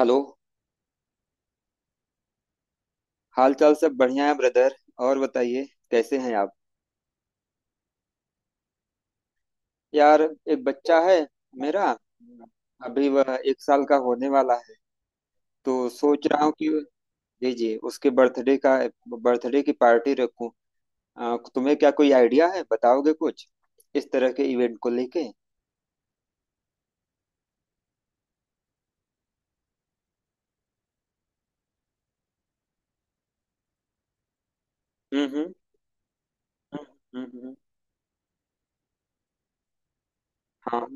Hello. हाल चाल सब बढ़िया है, ब्रदर। और बताइए, कैसे हैं आप। यार, एक बच्चा है मेरा। अभी वह एक साल का होने वाला है, तो सोच रहा हूँ कि... जी जी, उसके बर्थडे का, बर्थडे की पार्टी रखूं। तुम्हें क्या कोई आइडिया है, बताओगे कुछ इस तरह के इवेंट को लेके? हम्म। हम्म। हाँ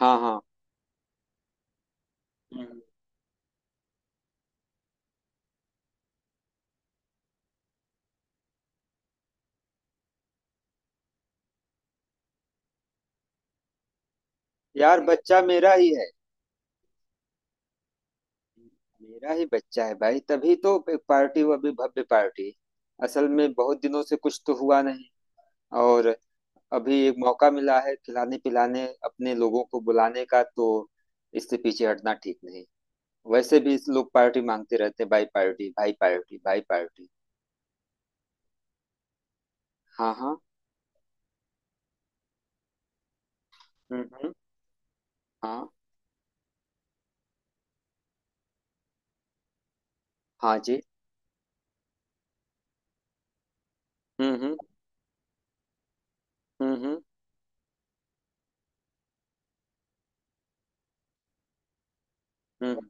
हाँ हाँ। हम्म। यार, बच्चा मेरा ही है। मेरा ही बच्चा है भाई, तभी तो एक पार्टी, वो अभी भव्य पार्टी। असल में बहुत दिनों से कुछ तो हुआ नहीं, और अभी एक मौका मिला है खिलाने पिलाने अपने लोगों को बुलाने का, तो इससे पीछे हटना ठीक नहीं। वैसे भी इस लोग पार्टी मांगते रहते हैं, भाई पार्टी भाई पार्टी भाई पार्टी। हाँ हाँ। हम्म। हाँ हाँ जी। हम्म। हम्म हम्म।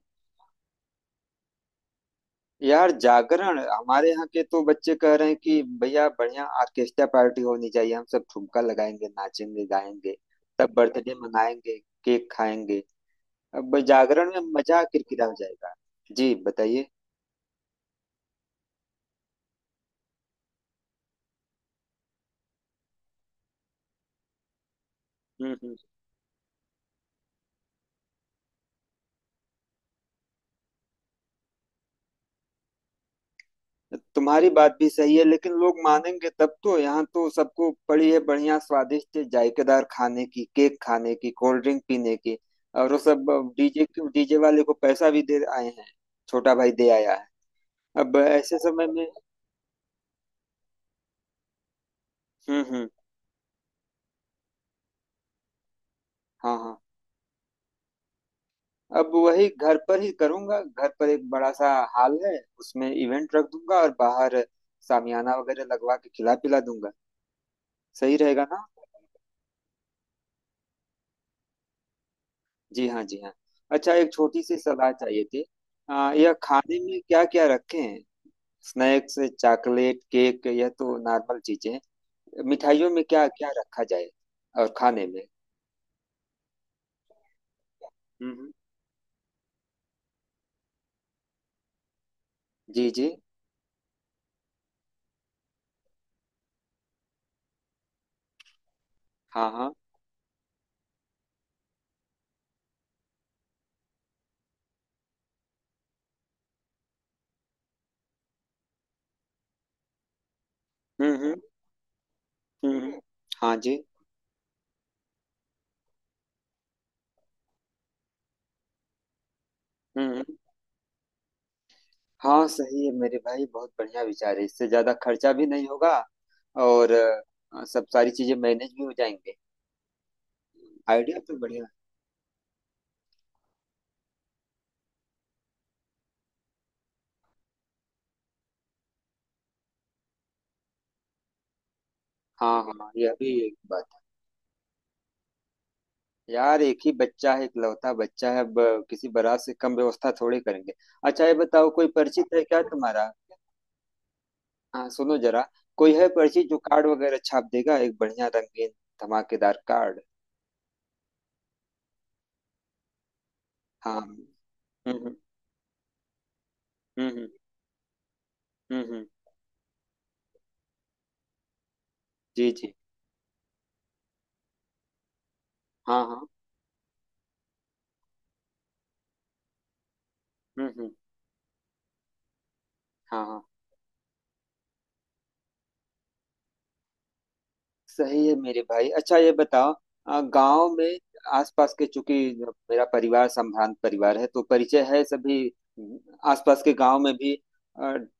यार, जागरण, हमारे यहाँ के तो बच्चे कह रहे हैं कि भैया बढ़िया ऑर्केस्ट्रा पार्टी होनी चाहिए, हम सब ठुमका लगाएंगे, नाचेंगे गाएंगे, तब बर्थडे मनाएंगे, केक खाएंगे। अब जागरण में मजा किरकिरा हो जाएगा। जी, बताइए। हम्म हम्म। तुम्हारी बात भी सही है, लेकिन लोग मानेंगे तब तो। यहाँ तो सबको पड़ी है बढ़िया स्वादिष्ट जायकेदार खाने की, केक खाने की, कोल्ड ड्रिंक पीने की, और वो सब। डीजे, डीजे वाले को पैसा भी दे आए हैं, छोटा भाई दे आया है। अब ऐसे समय में... हम्म। हाँ हाँ। अब वही घर पर ही करूंगा। घर पर एक बड़ा सा हॉल है, उसमें इवेंट रख दूंगा, और बाहर शामियाना वगैरह लगवा के खिला पिला दूंगा। सही रहेगा ना? जी हाँ, जी हाँ। अच्छा, एक छोटी सी सलाह चाहिए थी। यह खाने में क्या क्या रखें? स्नैक्स, चॉकलेट केक, यह तो नॉर्मल चीजें। मिठाइयों में क्या क्या रखा जाए, और खाने में? हम्म। जी जी। हाँ हाँ। हम्म। हम्म। हाँ जी। हम्म। हाँ, सही है मेरे भाई, बहुत बढ़िया विचार है। इससे ज्यादा खर्चा भी नहीं होगा, और सब सारी चीजें मैनेज भी हो जाएंगे। आइडिया तो बढ़िया है। हाँ हाँ, यह भी एक बात है। यार, एक ही बच्चा है, इकलौता बच्चा है। अब किसी बारात से कम व्यवस्था थोड़े करेंगे। अच्छा, ये बताओ, कोई परिचित है क्या तुम्हारा? हाँ, सुनो जरा, कोई है परिचित जो कार्ड वगैरह छाप देगा, एक बढ़िया रंगीन धमाकेदार कार्ड? हाँ हम्म। हम्म। हम्म। जी जी। हाँ हाँ। हम्म। हाँ हाँ, सही है मेरे भाई। अच्छा, ये बताओ, गांव में, आसपास के, चूंकि मेरा परिवार संभ्रांत परिवार है तो परिचय है, सभी आसपास के गांव में भी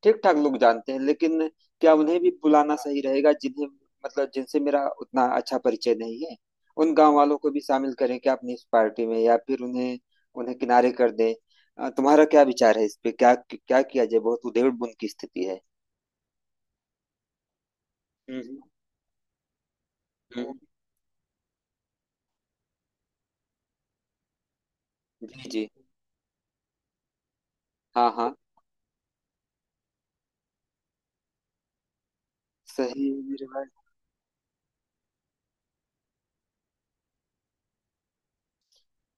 ठीक ठाक लोग जानते हैं। लेकिन क्या उन्हें भी बुलाना सही रहेगा, जिन्हें, मतलब जिनसे मेरा उतना अच्छा परिचय नहीं है? उन गांव वालों को भी शामिल करें क्या अपनी इस पार्टी में, या फिर उन्हें, उन्हें किनारे कर दें? तुम्हारा क्या विचार है इस पे, क्या क्या किया जाए? बहुत उधेड़बुन की स्थिति है। हम्म हम्म। जी जी। हाँ हाँ, सही है मेरे भाई।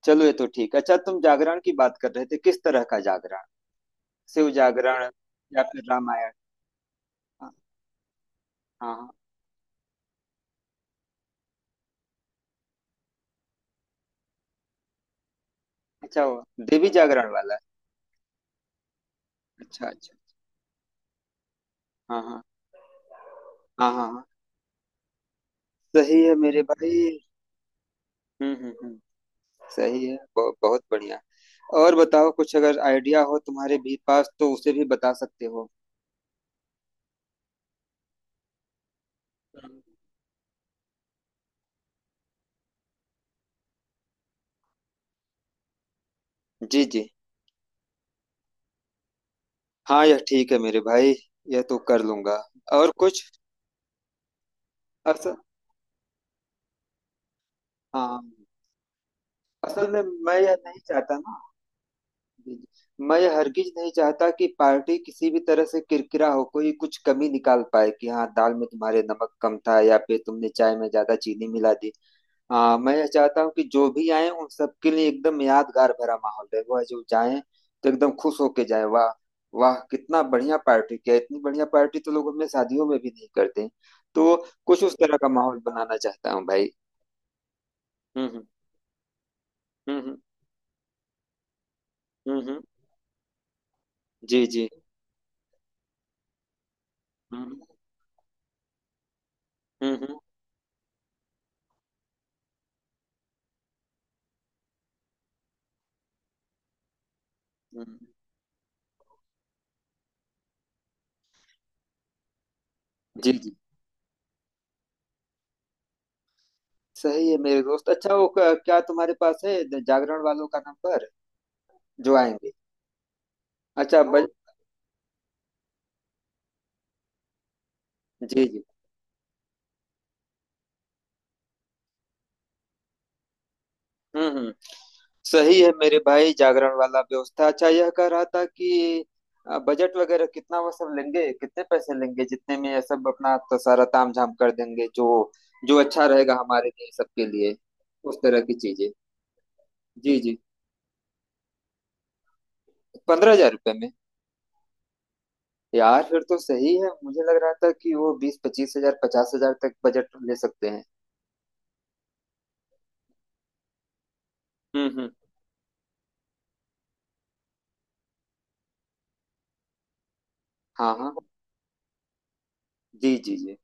चलो, ये तो ठीक। अच्छा, तुम जागरण की बात कर रहे थे, किस तरह का जागरण? शिव जागरण या फिर रामायण? हाँ हाँ हाँ। अच्छा, वो देवी जागरण वाला? अच्छा अच्छा। हाँ हाँ हाँ हाँ हाँ। सही है मेरे भाई। हम्म। सही है, बहुत बहुत बढ़िया। और बताओ कुछ, अगर आइडिया हो तुम्हारे भी पास तो उसे भी बता सकते हो। हम्म। जी जी। हाँ, यह ठीक है मेरे भाई, यह तो कर लूंगा। और कुछ? असल हाँ, असल में मैं यह नहीं चाहता ना। जी, जी। मैं यह हरगिज नहीं चाहता कि पार्टी किसी भी तरह से किरकिरा हो, कोई कुछ कमी निकाल पाए कि हाँ दाल में तुम्हारे नमक कम था, या फिर तुमने चाय में ज्यादा चीनी मिला दी। हाँ, मैं यह चाहता हूँ कि जो भी आए उन सबके लिए एकदम यादगार भरा माहौल रहे। वह जो जाए तो एकदम खुश होके जाए, वाह, वाह कितना बढ़िया पार्टी किया, इतनी बढ़िया पार्टी तो लोग अपने शादियों में भी नहीं करते। तो कुछ उस तरह का माहौल बनाना चाहता हूँ भाई। हम्म हम्म हम्म। हम्म। जी जी। हम्म हम्म। हम्म। जी जी। सही है मेरे दोस्त। अच्छा, वो क्या तुम्हारे पास है जागरण वालों का नंबर, जो आएंगे? अच्छा बज हाँ। जी जी। हम्म। सही है मेरे भाई। जागरण वाला व्यवस्था, अच्छा यह कह रहा था कि बजट वगैरह कितना वो सब लेंगे, कितने पैसे लेंगे, जितने में यह सब अपना तो सारा तामझाम कर देंगे, जो जो अच्छा रहेगा हमारे लिए, सबके लिए, उस तरह की चीजें। जी जी। 15,000 रुपये में? यार, फिर तो सही है, मुझे लग रहा था कि वो 20-25 हजार, 50,000 तक बजट ले सकते हैं। हम्म। हाँ हाँ। जी जी जी।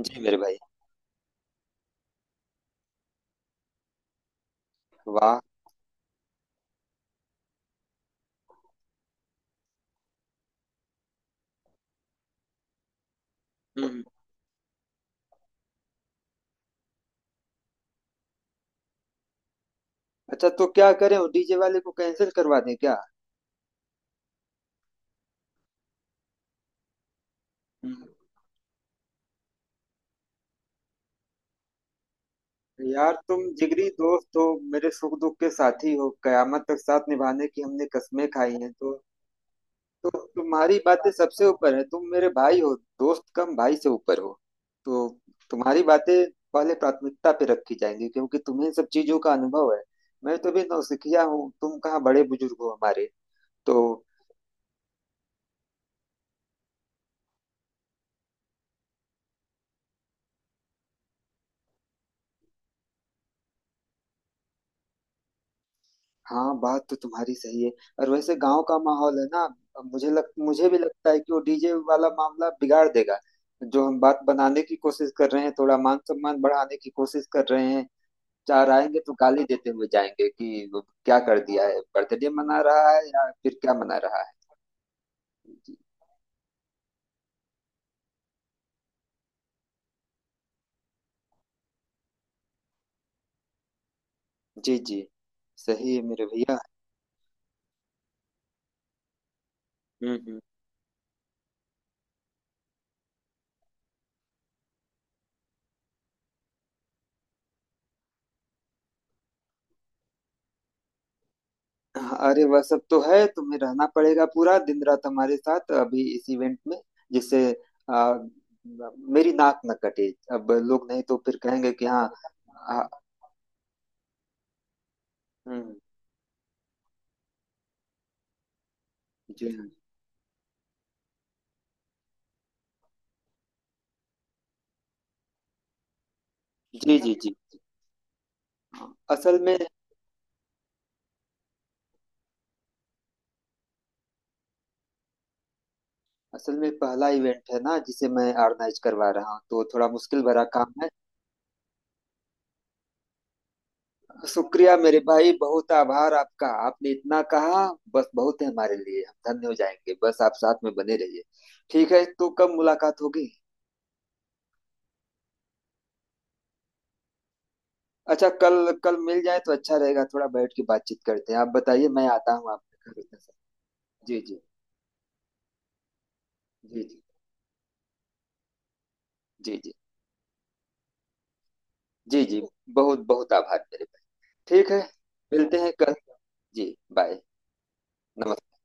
जी मेरे भाई। वाह। हम्म। अच्छा, तो क्या करें, डीजे वाले को कैंसिल करवा दें क्या? हम्म। यार, तुम जिगरी दोस्त हो, मेरे सुख दुख के साथी हो, कयामत तक साथ निभाने की हमने कस्में खाई हैं, तो तुम्हारी बातें सबसे ऊपर है, तुम मेरे भाई हो, दोस्त कम भाई से ऊपर हो, तो तुम्हारी बातें पहले प्राथमिकता पे रखी जाएंगी, क्योंकि तुम्हें इन सब चीजों का अनुभव है। मैं तो भी नौसिखिया हूँ, तुम कहाँ बड़े बुजुर्ग हो हमारे, तो... हाँ, बात तो तुम्हारी सही है। और वैसे गांव का माहौल है ना, अब मुझे भी लगता है कि वो डीजे वाला मामला बिगाड़ देगा, जो हम बात बनाने की कोशिश कर रहे हैं, थोड़ा मान सम्मान बढ़ाने की कोशिश कर रहे हैं। चार आएंगे तो गाली देते हुए जाएंगे कि वो क्या कर दिया है, बर्थडे मना रहा है, या फिर क्या मना रहा है। जी जी जी, सही है मेरे भैया। हम्म। अरे वह सब तो है, तुम्हें रहना पड़ेगा पूरा दिन रात हमारे साथ अभी इस इवेंट में, जिससे आ, मेरी नाक न कटे। अब लोग नहीं तो फिर कहेंगे कि हाँ... हाँ, हम्म, जी हाँ। जी जी जी। असल में असल में पहला इवेंट है ना जिसे मैं ऑर्गेनाइज करवा रहा हूँ, तो थोड़ा मुश्किल भरा काम है। शुक्रिया मेरे भाई, बहुत आभार आपका, आपने इतना कहा बस बहुत है हमारे लिए, हम धन्य हो जाएंगे। बस आप साथ में बने रहिए। ठीक है, तो कब मुलाकात होगी? अच्छा, कल, कल मिल जाए तो अच्छा रहेगा, थोड़ा बैठ के बातचीत करते हैं। आप बताइए, मैं आता हूँ आपके घर उधर से। जी जी। जी जी। जी जी। जी जी। बहुत बहुत आभार मेरे भाई। ठीक है, मिलते हैं कल। जी, बाय। नमस्कार।